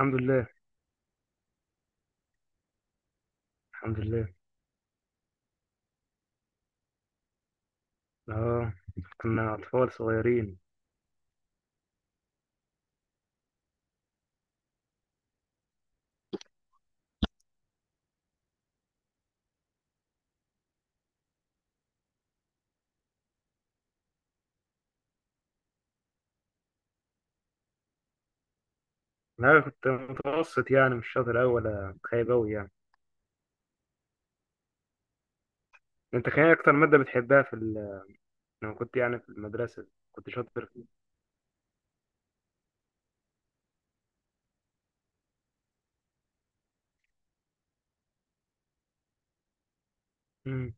الحمد لله. الحمد لله. اه، كنا اطفال صغيرين. لا، كنت متوسط، يعني مش شاطر أوي ولا خايب أوي يعني. انت كان إيه اكتر ماده بتحبها لما كنت يعني في المدرسه كنت شاطر فيها. مم.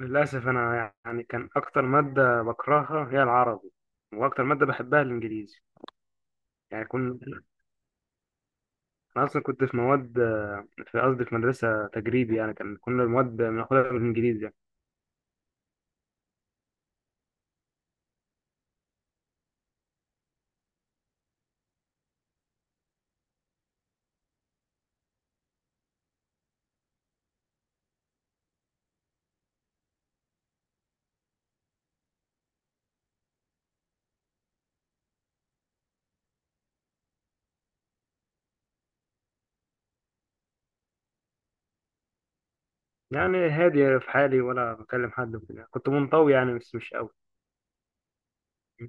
للاسف انا يعني كان اكتر ماده بكرهها هي العربي، واكتر ماده بحبها الانجليزي. يعني كنت انا اصلا كنت في قصدي في مدرسه تجريبي، يعني كنا المواد بناخدها بالانجليزي يعني. يعني هادي في حالي، ولا بكلم حد وكده، كنت منطوي يعني بس مش قوي.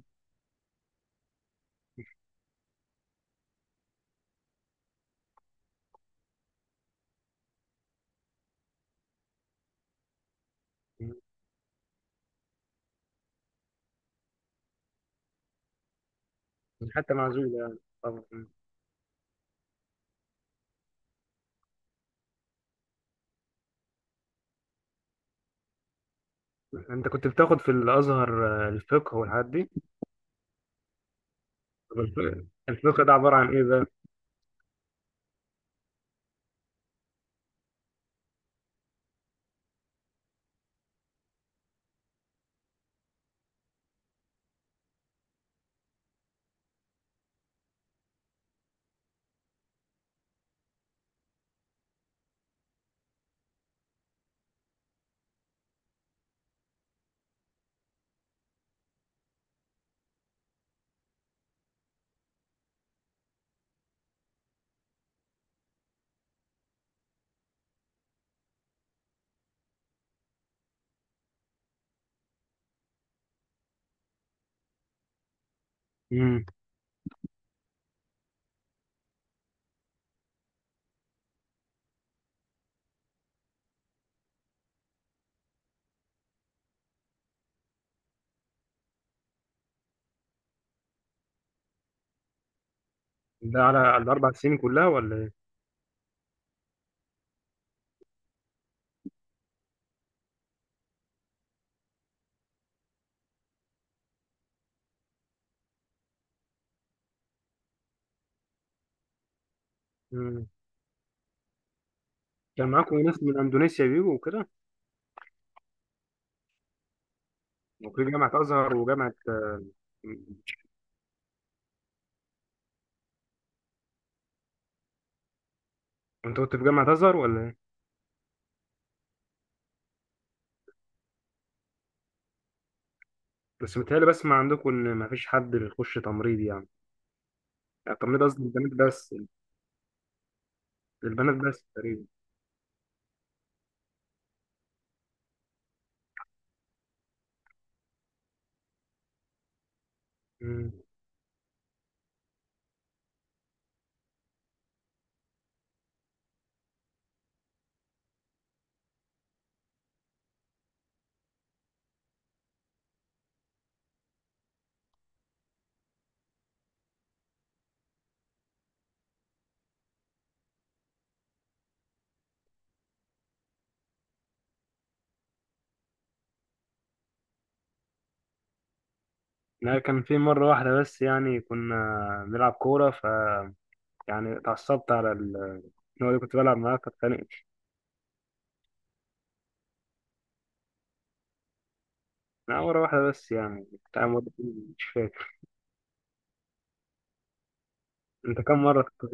مش حتى معزولة يعني. طبعا. انت كنت بتاخد في الازهر الفقه والحاجات دي؟ طب الفقه ده عباره عن ايه بقى؟ امم. ده على الاربع سنين كلها ولا ايه؟ امم. كان معاكم ناس من اندونيسيا بيجوا وكده؟ وفي جامعه ازهر وجامعه. انت كنت في جامعه ازهر ولا ايه؟ بس متهيألي بسمع عندكم ان مفيش حد بيخش تمريض يعني. يعني قصدي البنات بس. البنات بس تقريبا. امم. لا، كان في مره واحده بس، يعني كنا بنلعب كوره ف، يعني اتعصبت على ال... النوع اللي كنت بلعب معاه، فاتخانقت. لا، مرة واحدة بس يعني بتاع مرة. مش فاكر. انت كم مرة كنت؟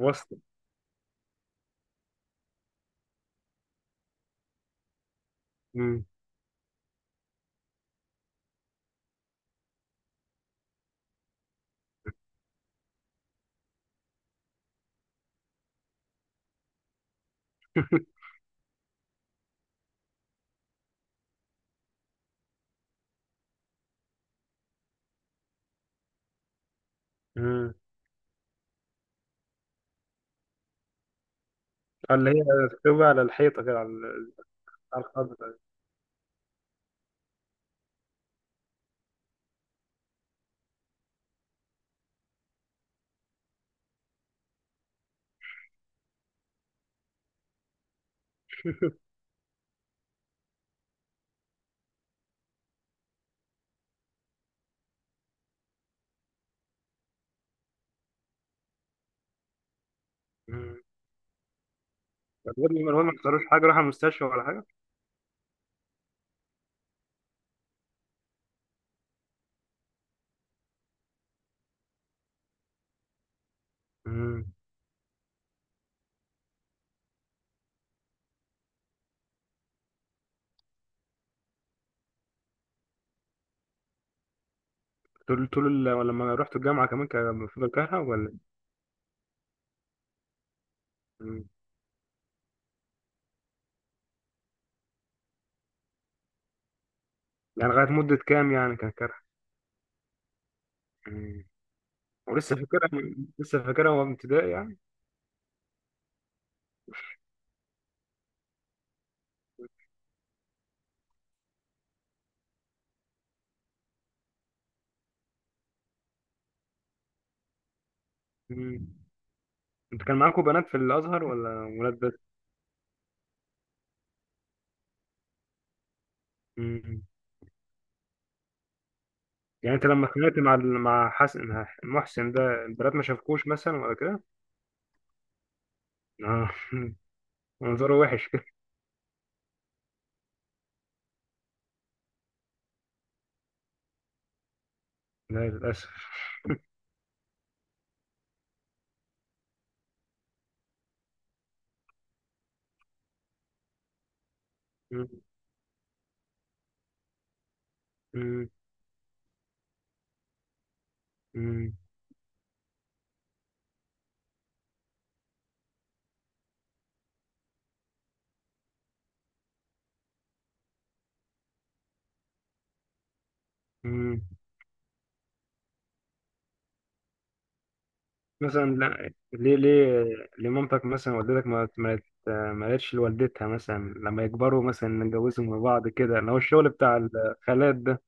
وسط. مم. مم. اللي هي تكتبها على الحيطة كده على ال- على الخضر. فالواد، ما هو ما حصلوش حاجة، راح المستشفى ولا حاجة؟ مم. لما رحت الجامعة كمان كان المفروض كارهة ولا؟ مم. يعني لغاية مدة كام يعني كان كارهة؟ مم. ولسه فاكرها من- لسه فاكرها وهو ابتدائي يعني. مم. انت كان معاكم بنات في الأزهر ولا ولاد؟ مم. يعني انت لما اتخانقت مع حسن محسن ده البنات ما شافكوش مثلا ولا كده؟ اه. منظره وحش كده. لا للاسف. مم. مم. مم. مم. مثلا، لا، ليه مامتك مثلا والدتك ما قالتش لوالدتها مثلا لما يكبروا مثلا نتجوزهم من بعض كده، اللي هو الشغل بتاع الخالات ده.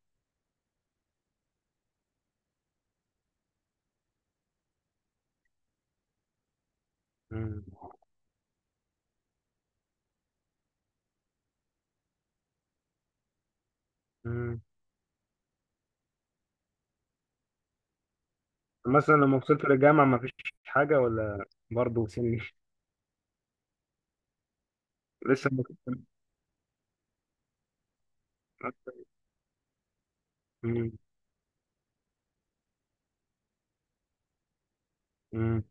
مم. مم. مثلا لما وصلت للجامعة ما فيش حاجة ولا، برضه سني. لسه ما كنت-. مم.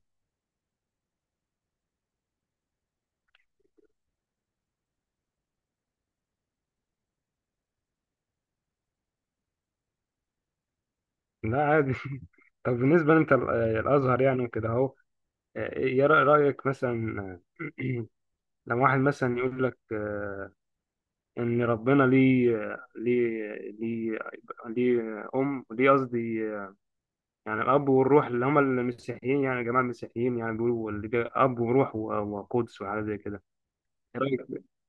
لا عادي. طب بالنسبة انت الأزهر يعني وكده اهو، ايه رأيك مثلا لما واحد مثلا يقول لك ان ربنا ليه ليه ليه قصدي، يعني الاب والروح اللي هم المسيحيين يعني جماعة المسيحيين، يعني بيقولوا اللي ده اب وروح وقدس وحاجات زي كده. ايه رأيك إيه؟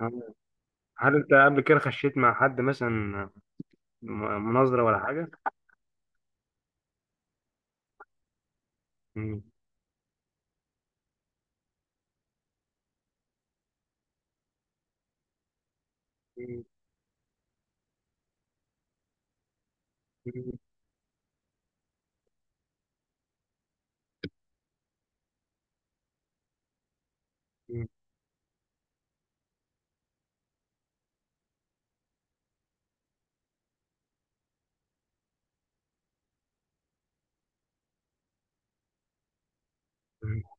آه، هل انت قبل كده خشيت مع حد مثلا مناظرة ولا حاجة؟ مم. مم. مم. مم.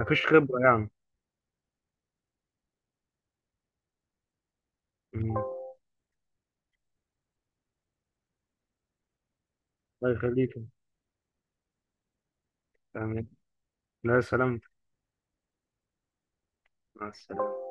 مفيش خبرة. يعني. الله يخليكم. آمين. لا سلامتك. مع السلامة.